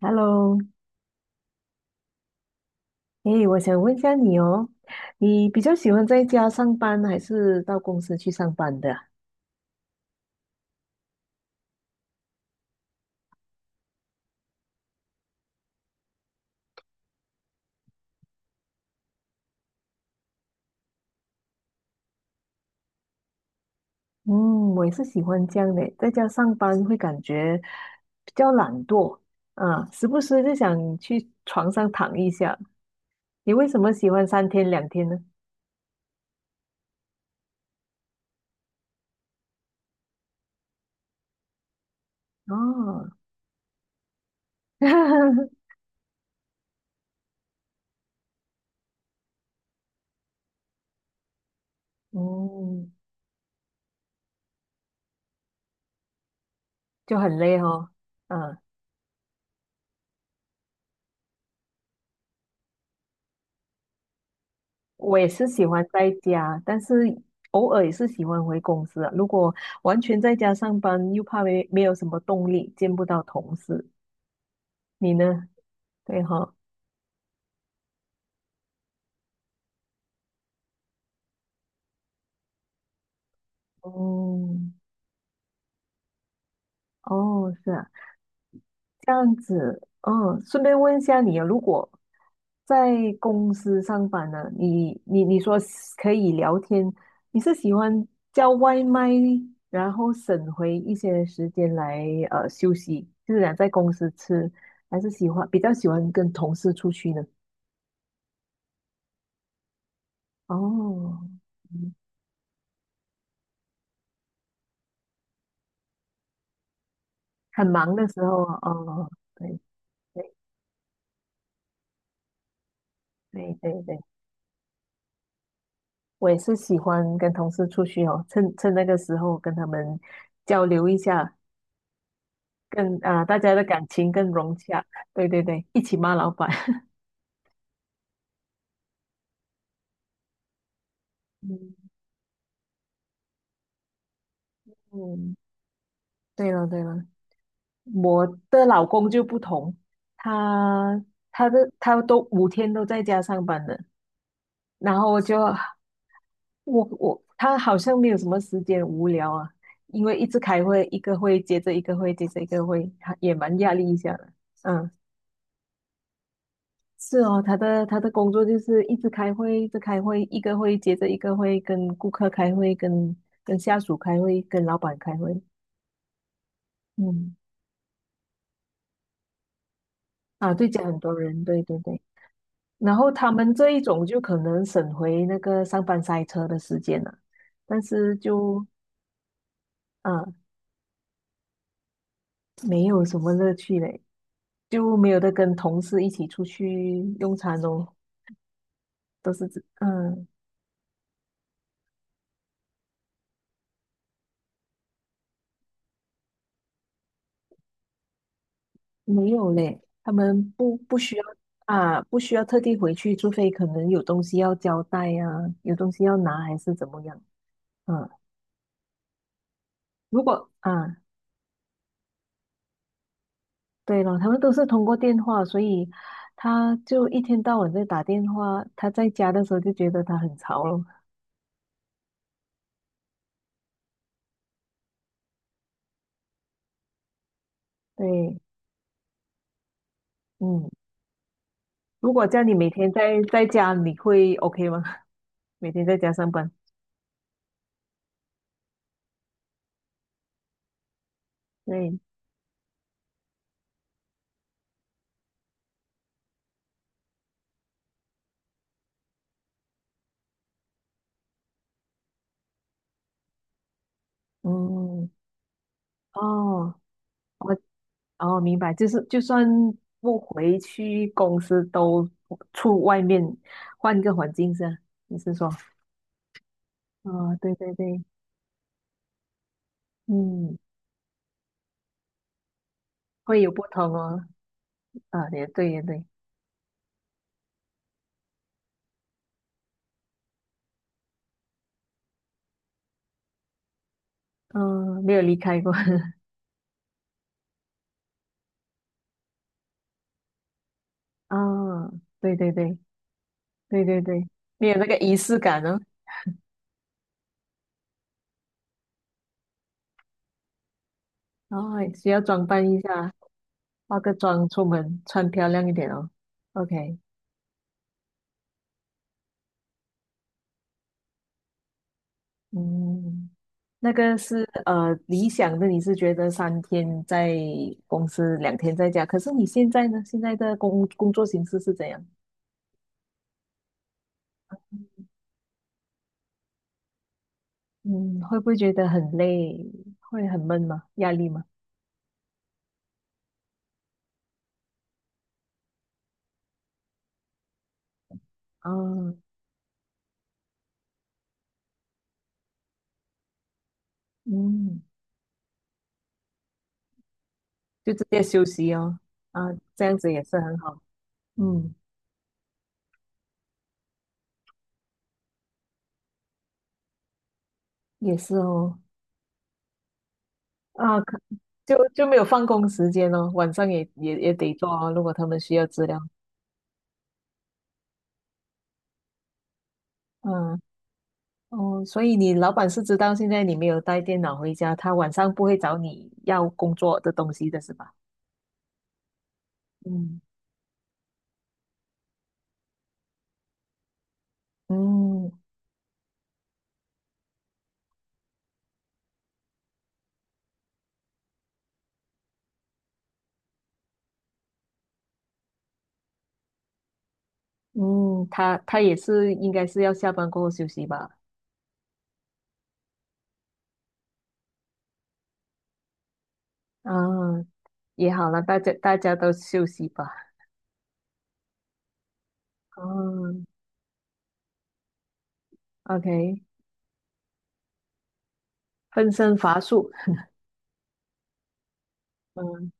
Hello，诶，我想问一下你哦，你比较喜欢在家上班还是到公司去上班的啊？嗯，我也是喜欢这样的，在家上班会感觉比较懒惰，啊，时不时就想去床上躺一下。你为什么喜欢3天2天呢？哦，嗯，就很累哦，嗯。我也是喜欢在家，但是偶尔也是喜欢回公司啊，如果完全在家上班，又怕没有什么动力，见不到同事。你呢？对哈、嗯，哦，是啊。这样子，嗯，顺便问一下你啊，如果在公司上班呢，你说是可以聊天，你是喜欢叫外卖，然后省回一些时间来休息，就是想在公司吃，还是比较喜欢跟同事出去呢？哦，嗯很忙的时候啊，哦，对对对对对，我也是喜欢跟同事出去哦，趁那个时候跟他们交流一下。更啊、大家的感情更融洽。对对对，一起骂老板。嗯嗯，对了对了，我的老公就不同，他他都5天都在家上班的，然后我就我我他好像没有什么时间无聊啊，因为一直开会，一个会接着一个会接着一个会，他也蛮压力一下的。嗯，是哦，他的工作就是一直开会，一直开会，一个会接着一个会，跟顾客开会，跟下属开会，跟老板开会。嗯，啊，对，讲很多人，对对对。然后他们这一种就可能省回那个上班塞车的时间了，但是就啊没有什么乐趣嘞，就没有的跟同事一起出去用餐哦，都是这，嗯。没有嘞，他们不需要啊，不需要特地回去，除非可能有东西要交代呀、啊，有东西要拿还是怎么样。嗯，如果啊，对了，他们都是通过电话，所以他就一天到晚在打电话。他在家的时候就觉得他很潮了。对，嗯，如果叫你每天在家，你会 OK 吗？每天在家上班？对，嗯，哦。我。哦，明白，就是就算不回去公司，都出外面换个环境是吧？你是说 哦，对对对，嗯，会有不同哦。啊，也对也对，嗯，没有离开过。啊，对对对对对对，没有那个仪式感哦。哦，需要装扮一下，化个妆出门，穿漂亮一点哦。OK，嗯。那个是理想的，你是觉得三天在公司，两天在家。可是你现在呢？现在的工作形式是怎样？嗯，会不会觉得很累？会很闷吗？压力吗？啊，嗯，就直接休息哦。啊，这样子也是很好。嗯，也是哦。啊，就没有放工时间哦，晚上也得做哦。如果他们需要资料，嗯。哦，所以你老板是知道现在你没有带电脑回家，他晚上不会找你要工作的东西的是吧？嗯嗯嗯，他也是应该是要下班过后休息吧？啊，也好了，大家都休息吧。嗯，OK，分身乏术。嗯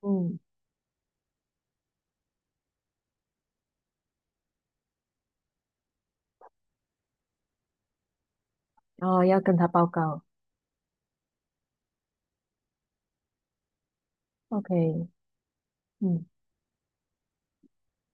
嗯，然后要跟他报告。OK，嗯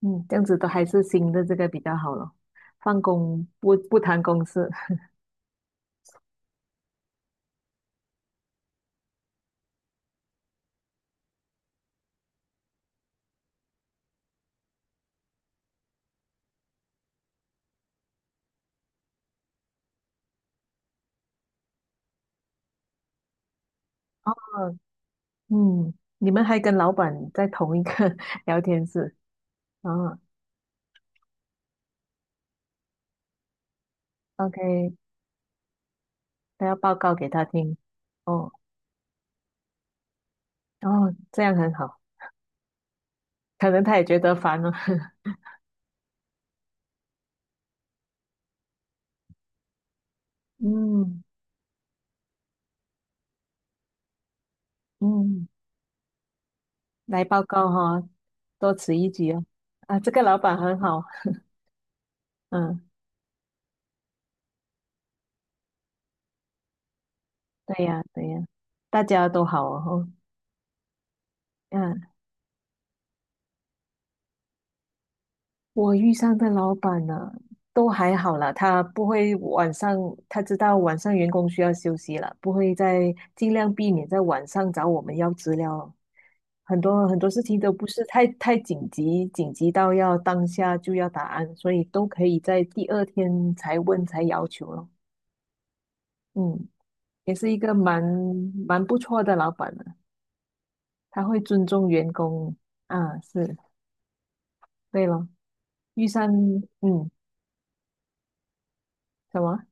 嗯，这样子都还是新的这个比较好了，放工不谈公事。哦，嗯，你们还跟老板在同一个 聊天室啊？OK，他要报告给他听。哦哦，这样很好，可能他也觉得烦了。嗯嗯，来报告哈、多此一举哦。啊，这个老板很好。嗯，对呀对呀，大家都好哦。哦，嗯。我遇上的老板呢，都还好啦，他不会晚上，他知道晚上员工需要休息了，不会再尽量避免在晚上找我们要资料。很多很多事情都不是太紧急，紧急到要当下就要答案，所以都可以在第二天才问才要求咯。嗯，也是一个蛮不错的老板的，他会尊重员工啊，是对咯。遇上，嗯，什么？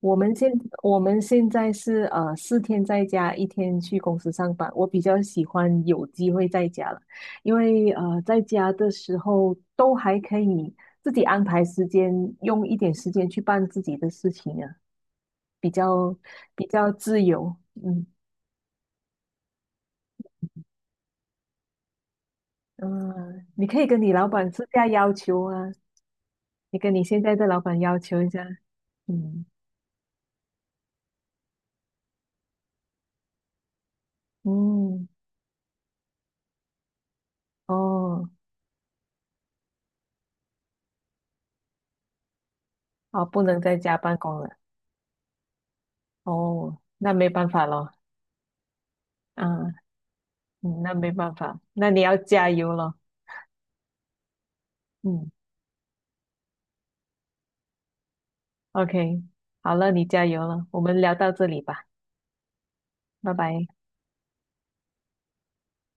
我们现我们现在是4天在家，一天去公司上班。我比较喜欢有机会在家了，因为在家的时候都还可以自己安排时间，用一点时间去办自己的事情啊，比较比较自由。嗯嗯、你可以跟你老板私下要求啊，你跟你现在的老板要求一下。嗯嗯哦哦，不能在家办公了。哦，那没办法咯。啊。嗯，那没办法，那你要加油了。嗯，OK，好了，你加油了，我们聊到这里吧，拜拜。